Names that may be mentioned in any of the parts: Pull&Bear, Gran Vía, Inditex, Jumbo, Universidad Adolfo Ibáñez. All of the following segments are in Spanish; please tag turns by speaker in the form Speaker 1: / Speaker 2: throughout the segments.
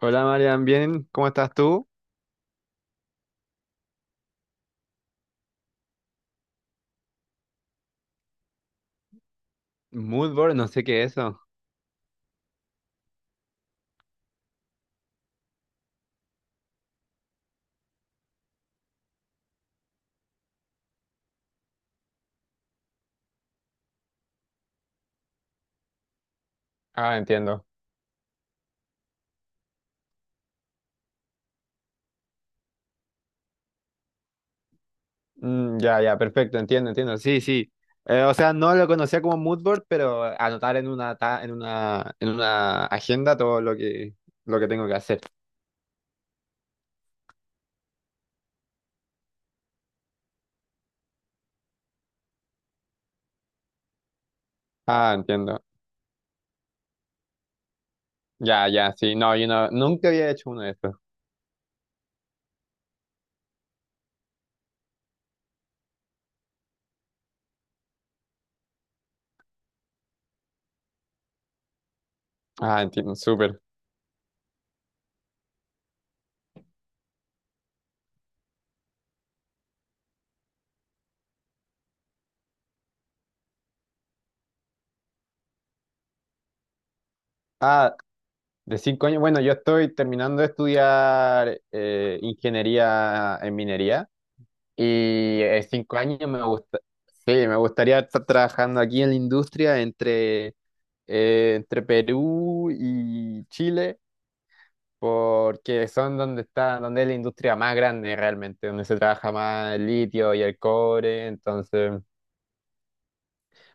Speaker 1: Hola Marian, bien, ¿cómo estás tú? Moodboard, no sé qué es eso. Ah, entiendo. Ya, ya, perfecto, entiendo, entiendo. Sí, sí. No lo conocía como moodboard, pero anotar en una agenda todo lo que tengo que hacer. Ah, entiendo. Ya, ya, sí. No, yo no, nunca había hecho uno de estos. Ah, entiendo, súper. Ah, de 5 años. Bueno, yo estoy terminando de estudiar ingeniería en minería. Y en 5 años me sí, me gustaría estar trabajando aquí en la industria entre Perú y Chile, porque son donde está, donde es la industria más grande realmente, donde se trabaja más el litio y el cobre. Entonces,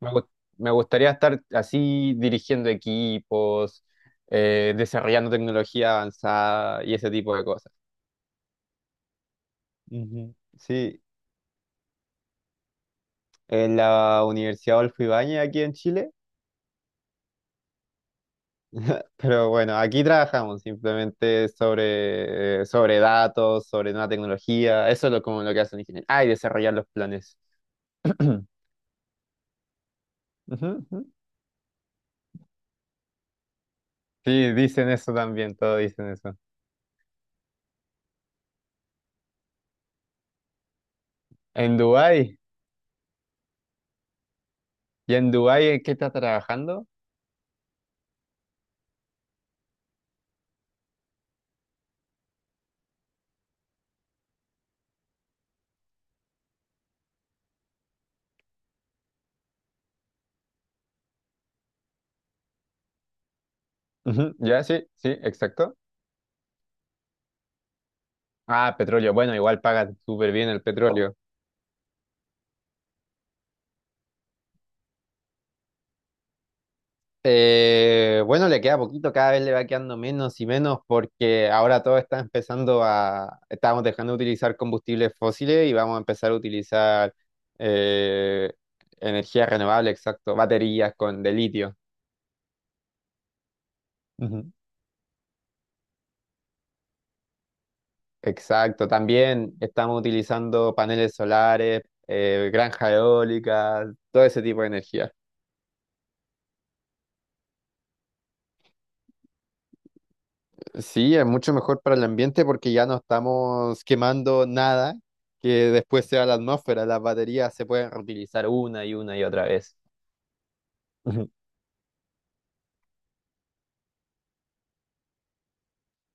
Speaker 1: me, gust- me gustaría estar así dirigiendo equipos, desarrollando tecnología avanzada y ese tipo de cosas. Ujú. Sí, en la Universidad Adolfo Ibáñez aquí en Chile. Pero bueno, aquí trabajamos simplemente sobre datos, sobre nueva tecnología. Eso es lo, como lo que hace un ingeniero. Ah, y desarrollar los planes. Ujú, ujú. Sí, dicen eso también, todos dicen eso. En Dubái. ¿Y en Dubái en qué estás trabajando? Ujú, ya, sí, sí, exacto. Ah, petróleo. Bueno, igual pagan súper bien el petróleo. Bueno, le queda poquito, cada vez le va quedando menos y menos porque ahora todo está empezando a, estamos dejando de utilizar combustibles fósiles y vamos a empezar a utilizar eh, energía renovable, exacto, baterías con de litio. Ujú. Exacto, también estamos utilizando paneles solares, granjas eólicas, todo ese tipo de energía. Sí, es mucho mejor para el ambiente porque ya no estamos quemando nada que después sea la atmósfera. Las baterías se pueden reutilizar una y otra vez. Ujú.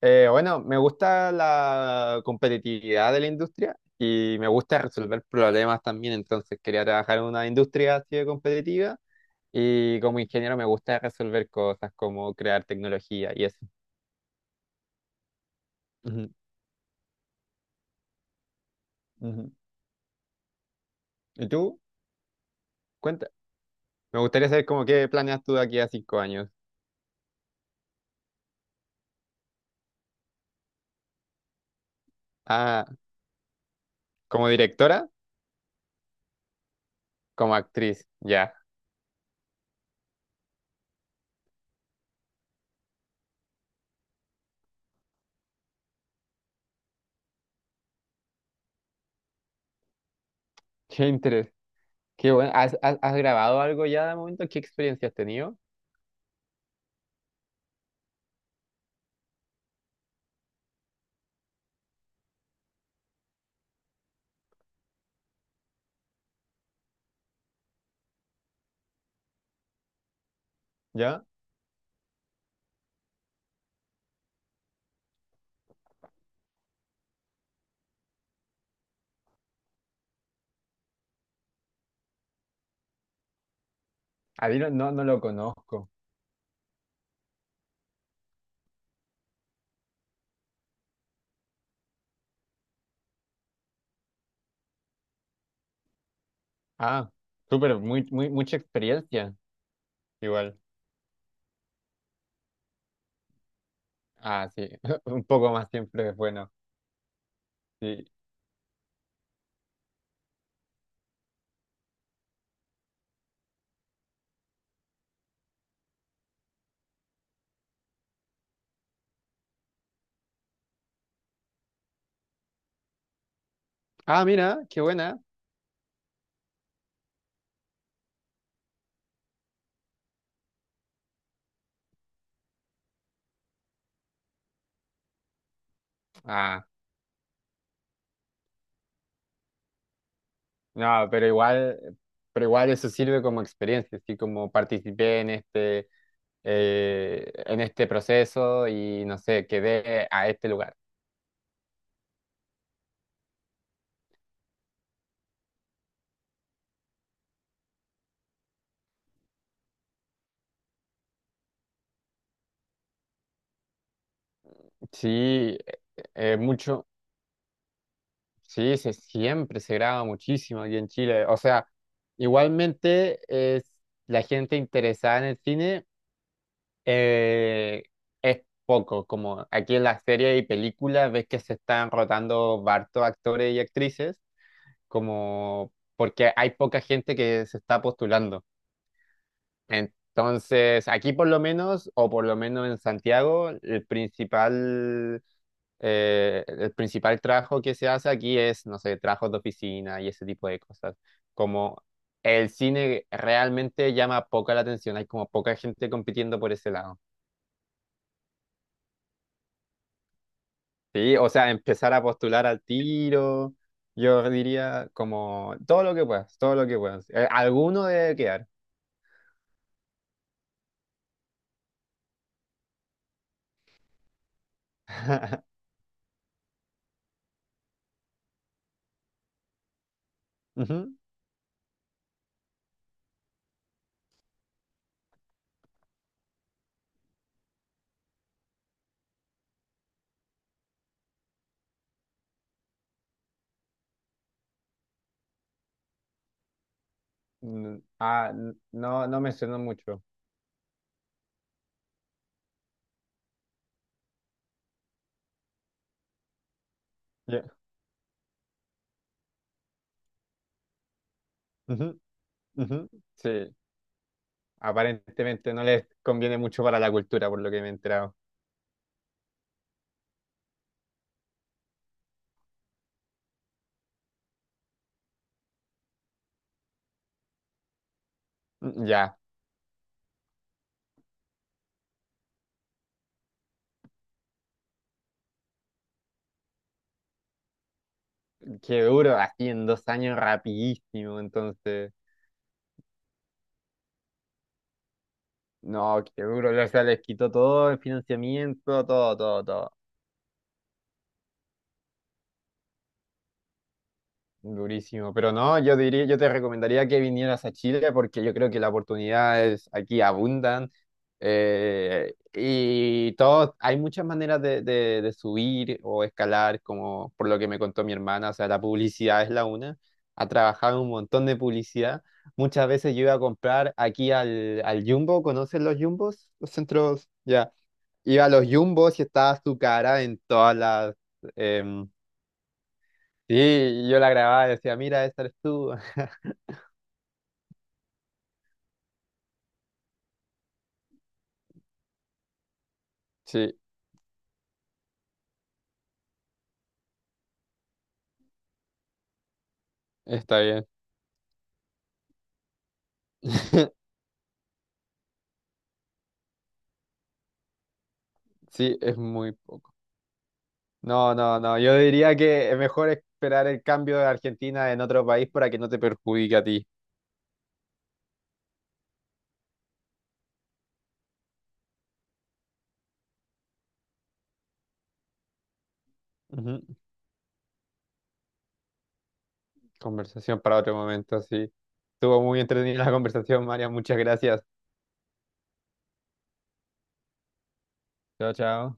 Speaker 1: Bueno, me gusta la competitividad de la industria y me gusta resolver problemas también. Entonces quería trabajar en una industria así de competitiva y como ingeniero me gusta resolver cosas como crear tecnología y eso. Ujú, ujú. ¿Y tú? Cuenta. Me gustaría saber cómo qué planeas tú de aquí a 5 años. Ah, como directora. Como actriz, ya. Qué interés. Qué bueno. ¿Has, has grabado algo ya de momento? ¿Qué experiencia has tenido? ¿Ya? A Dylan no, no lo conozco. Ah, súper, muy, muy, mucha experiencia. Igual. Ah, sí. Un poco más siempre es bueno. Sí. Ah, mira, qué buena. Ah, no, pero igual eso sirve como experiencia, así como participé en este proceso y no sé, quedé a este lugar. Sí, mucho. Sí, se, siempre se graba muchísimo aquí en Chile. O sea, igualmente es la gente interesada en el cine eh, es poco, como aquí en las series y películas ves que se están rotando hartos actores y actrices, como porque hay poca gente que se está postulando. Entonces, aquí por lo menos, o por lo menos en Santiago, el principal trabajo que se hace aquí es, no sé, trabajos de oficina y ese tipo de cosas. Como el cine realmente llama poca la atención, hay como poca gente compitiendo por ese lado. Sí, o sea, empezar a postular al tiro, yo diría como todo lo que puedas, todo lo que puedas. Alguno debe quedar. Ujú. No, no menciono mucho. Ujú, ujú. Sí, aparentemente no les conviene mucho para la cultura, por lo que me he enterado. Mm, ya, qué duro, así en 2 años rapidísimo, entonces. No, qué duro, o sea, les quitó todo el financiamiento, todo, todo, todo. Durísimo, pero no, yo diría, yo te recomendaría que vinieras a Chile porque yo creo que las oportunidades aquí abundan y todo, hay muchas maneras de, de subir o escalar, como por lo que me contó mi hermana, o sea, la publicidad es la una, ha trabajado en un montón de publicidad, muchas veces yo iba a comprar aquí al, al Jumbo, ¿conocen los Jumbos? Los centros, ya, iba a los Jumbos y estaba su cara en todas las... em, sí, y yo la grababa y decía, mira, esta eres tú. Sí, está bien. Sí, es muy poco. No, no, no. Yo diría que es mejor esperar el cambio de Argentina en otro país para que no te perjudique a ti. Ujú. Conversación para otro momento, sí. Estuvo muy entretenida la conversación, María. Muchas gracias. Chao, chao.